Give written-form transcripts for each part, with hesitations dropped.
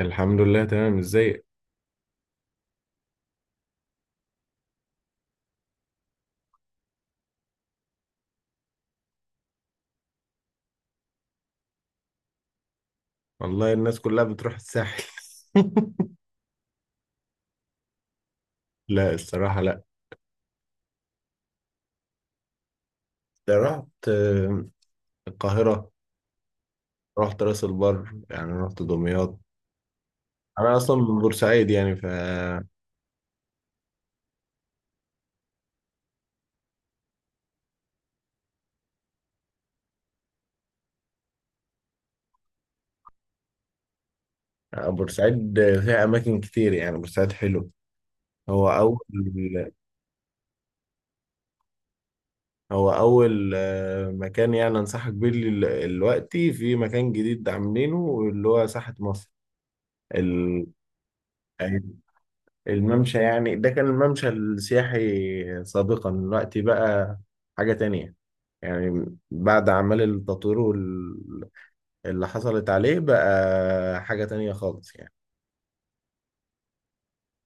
الحمد لله، تمام. ازيك؟ والله، الناس كلها بتروح الساحل. لا، الصراحة لا. ده رحت، القاهرة. رحت راس البر، يعني رحت دمياط. أنا أصلا من بورسعيد، يعني ف بورسعيد فيها أماكن كتير، يعني بورسعيد حلو. هو أول هو أول مكان يعني أنصحك بيه. دلوقتي في مكان جديد عاملينه اللي هو ساحة مصر. ال... الممشى، يعني ده كان الممشى السياحي سابقا. دلوقتي بقى حاجة تانية، يعني بعد أعمال التطوير اللي حصلت عليه بقى حاجة تانية خالص يعني.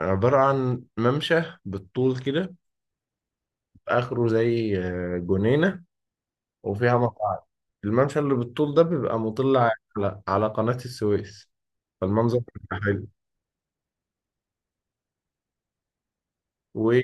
عبارة عن ممشى بالطول كده، آخره زي جنينة، وفيها مقاعد. الممشى اللي بالطول ده بيبقى مطل على قناة السويس. فالمنظر بيبقى حلو.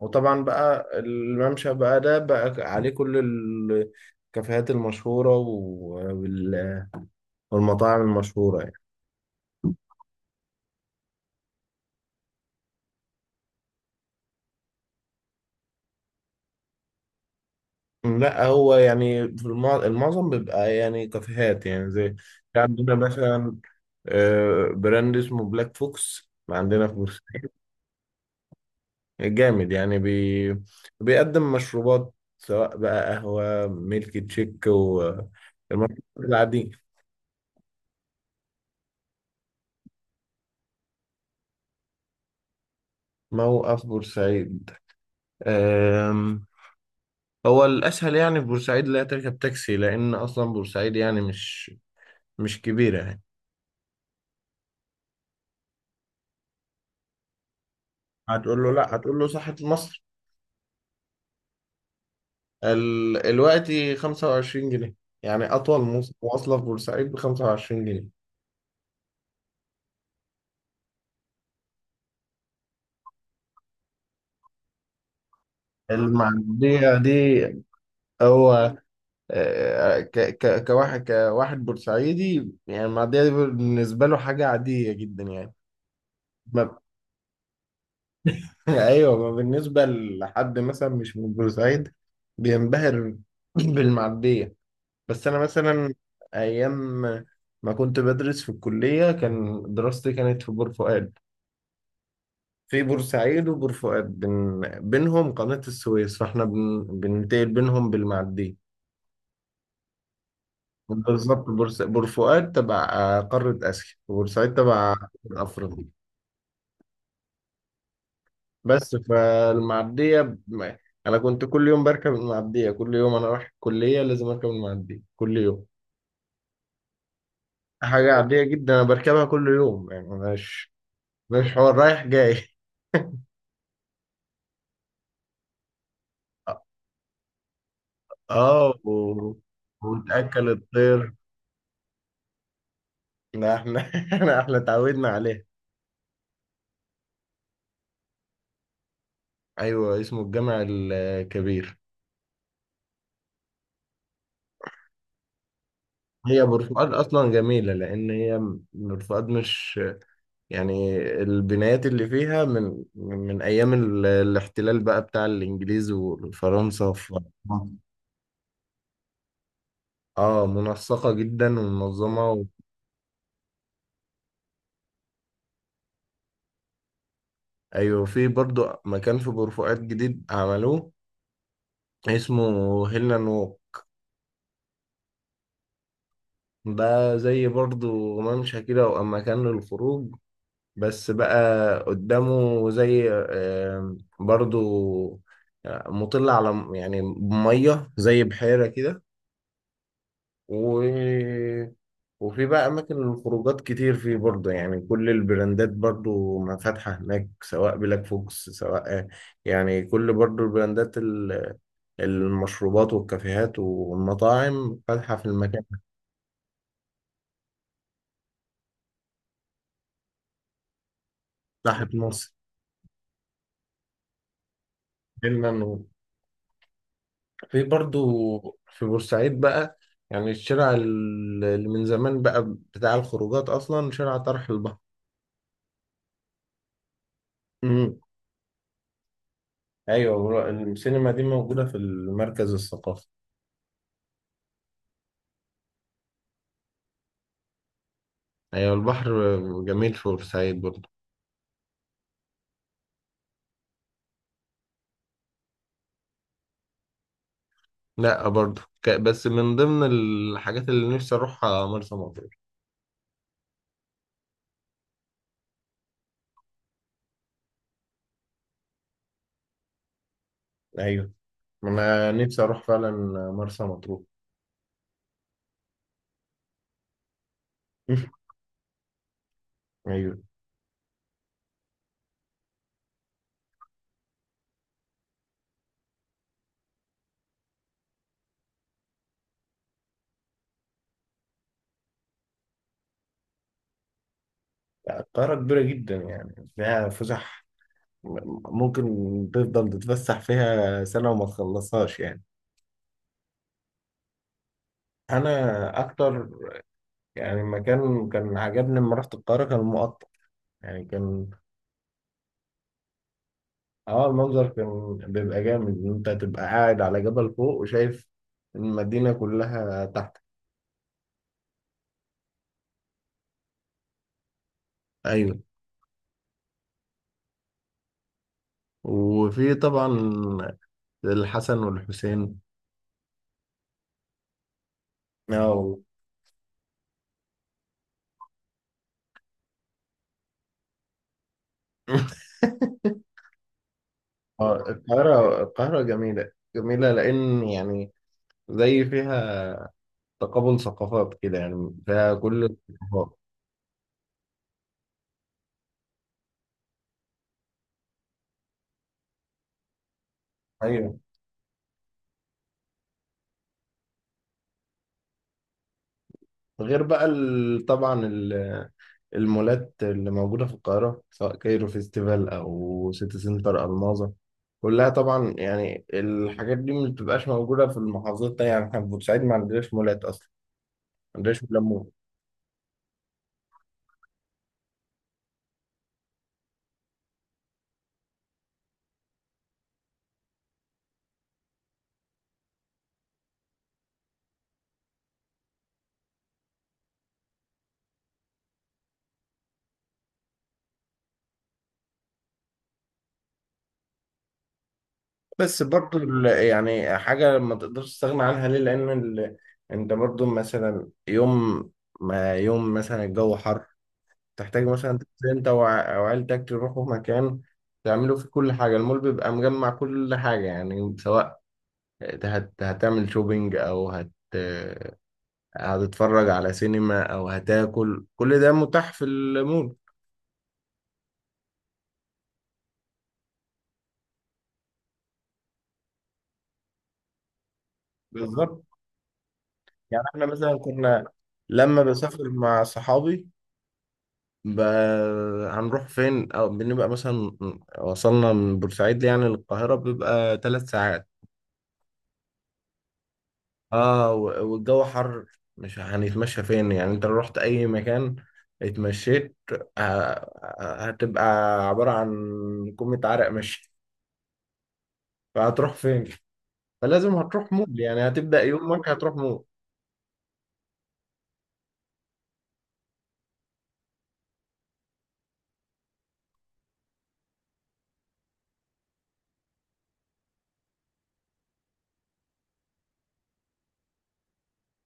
وطبعا بقى الممشى بقى ده بقى عليه كل الكافيهات المشهورة والمطاعم المشهورة يعني. لا، هو يعني في المعظم بيبقى يعني كافيهات يعني زي. في عندنا مثلا براند اسمه بلاك فوكس عندنا في بورسعيد. جامد يعني، بيقدم مشروبات سواء بقى قهوة، ميلك تشيك، والمشروبات العادية. موقف بورسعيد آم، هو الأسهل. يعني في بورسعيد لا تركب تاكسي، لأن أصلا بورسعيد يعني مش كبيرة يعني. هتقول له لا، هتقول له ساحة مصر. الوقت 25 جنيه، يعني أطول مواصلة في بورسعيد ب 25 جنيه. المعدية دي هو كواحد بورسعيدي، يعني المعدية دي بالنسبة له حاجة عادية جدا يعني. ما... أيوه، ما بالنسبة لحد مثلا مش من بورسعيد بينبهر بالمعدية. بس انا مثلا ايام ما كنت بدرس في الكليه، كان دراستي كانت في بور فؤاد. في بورسعيد وبور فؤاد بينهم قناه السويس، فاحنا بننتقل بينهم بالمعديه. بالظبط، بور فؤاد تبع قاره اسيا، وبورسعيد تبع افريقيا. بس فالمعديه انا كنت كل يوم بركب المعديه، كل يوم انا رايح الكليه لازم اركب المعديه كل يوم. حاجه عاديه جدا، انا بركبها كل يوم يعني، مش حوار رايح جاي. اه، وتأكل الطير. ده احنا. احنا اتعودنا عليها. ايوه، اسمه الجامع الكبير. هي برفقات اصلا جميله، لان هي برفقات مش، يعني البنايات اللي فيها من ايام الاحتلال بقى بتاع الانجليز وفرنسا في مصر. اه، منسقه جدا ومنظمه ايوه، في برضو مكان في برفقات جديد عملوه اسمه هيلاند. ده زي برضو ممشى كده، وأما مكان للخروج بس بقى. قدامه زي برضو مطل على يعني مية زي بحيرة كده و... وفي بقى أماكن للخروجات كتير فيه برضو، يعني كل البراندات برضو ما فاتحة هناك، سواء بلاك فوكس، سواء يعني كل برضو البراندات المشروبات والكافيهات والمطاعم فاتحة في المكان. تحت مصر في برضو، في بورسعيد بقى، يعني الشارع اللي من زمان بقى بتاع الخروجات أصلا، شارع طرح البحر. امم، أيوة. السينما دي موجودة في المركز الثقافي. أيوة، البحر جميل في بورسعيد برضو. لا، برضو بس من ضمن الحاجات اللي نفسي أروحها مرسى مطروح. أيوة، أنا نفسي أروح فعلا مرسى مطروح. أيوة. لا، القاهرة كبيرة جدا، يعني فيها فسح. ممكن تفضل تتفسح فيها سنة وما تخلصهاش يعني. انا اكتر يعني مكان كان عجبني لما رحت القاهره كان المقطم، يعني كان. اه، المنظر كان بيبقى جامد ان انت تبقى قاعد على جبل فوق، وشايف المدينه كلها تحت. ايوه، وفي طبعا الحسن والحسين. اه. القاهره القاهره جميله جميله، لان يعني زي فيها تقابل ثقافات كده، يعني فيها كل الثقافات. ايوه. غير بقى طبعا المولات اللي موجودة في القاهرة، سواء كايرو فيستيفال أو سيتي سنتر ألماظة. كلها طبعا، يعني الحاجات دي ما بتبقاش موجودة في المحافظات التانية، يعني احنا في بورسعيد ما عندناش مولات أصلا، ما عندناش مولات مول. بس برضو يعني حاجة ما تقدرش تستغنى عنها ليه، لأن أنت برضو مثلا يوم ما يوم مثلا الجو حر، تحتاج مثلا تنزل انت او عيلتك تروحوا مكان تعملوا فيه كل حاجة. المول بيبقى مجمع كل حاجة يعني، سواء هتعمل شوبينج، او هتتفرج على سينما، او هتاكل. كل ده متاح في المول. بالظبط، يعني احنا مثلا كنا لما بسافر مع صحابي ب... هنروح فين. او بنبقى مثلا وصلنا من بورسعيد يعني للقاهرة، بيبقى 3 ساعات. اه، والجو حر. مش هنتمشى فين؟ يعني انت لو رحت اي مكان اتمشيت، ه- هتبقى عبارة عن كمية عرق مشي. فهتروح فين؟ فلازم هتروح مول، يعني هتبدأ يومك هتروح مول.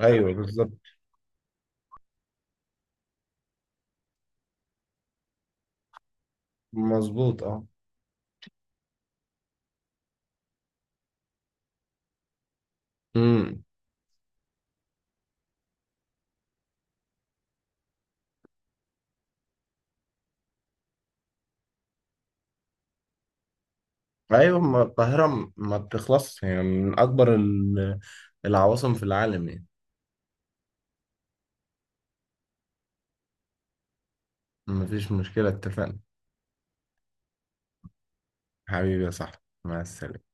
ايوه، بالظبط، مظبوط، اه. امم. ايوه، ما القاهرة ما بتخلصش، يعني من اكبر العواصم في العالم يعني. مفيش مشكلة، اتفقنا. حبيبي يا صاحبي، مع السلامة.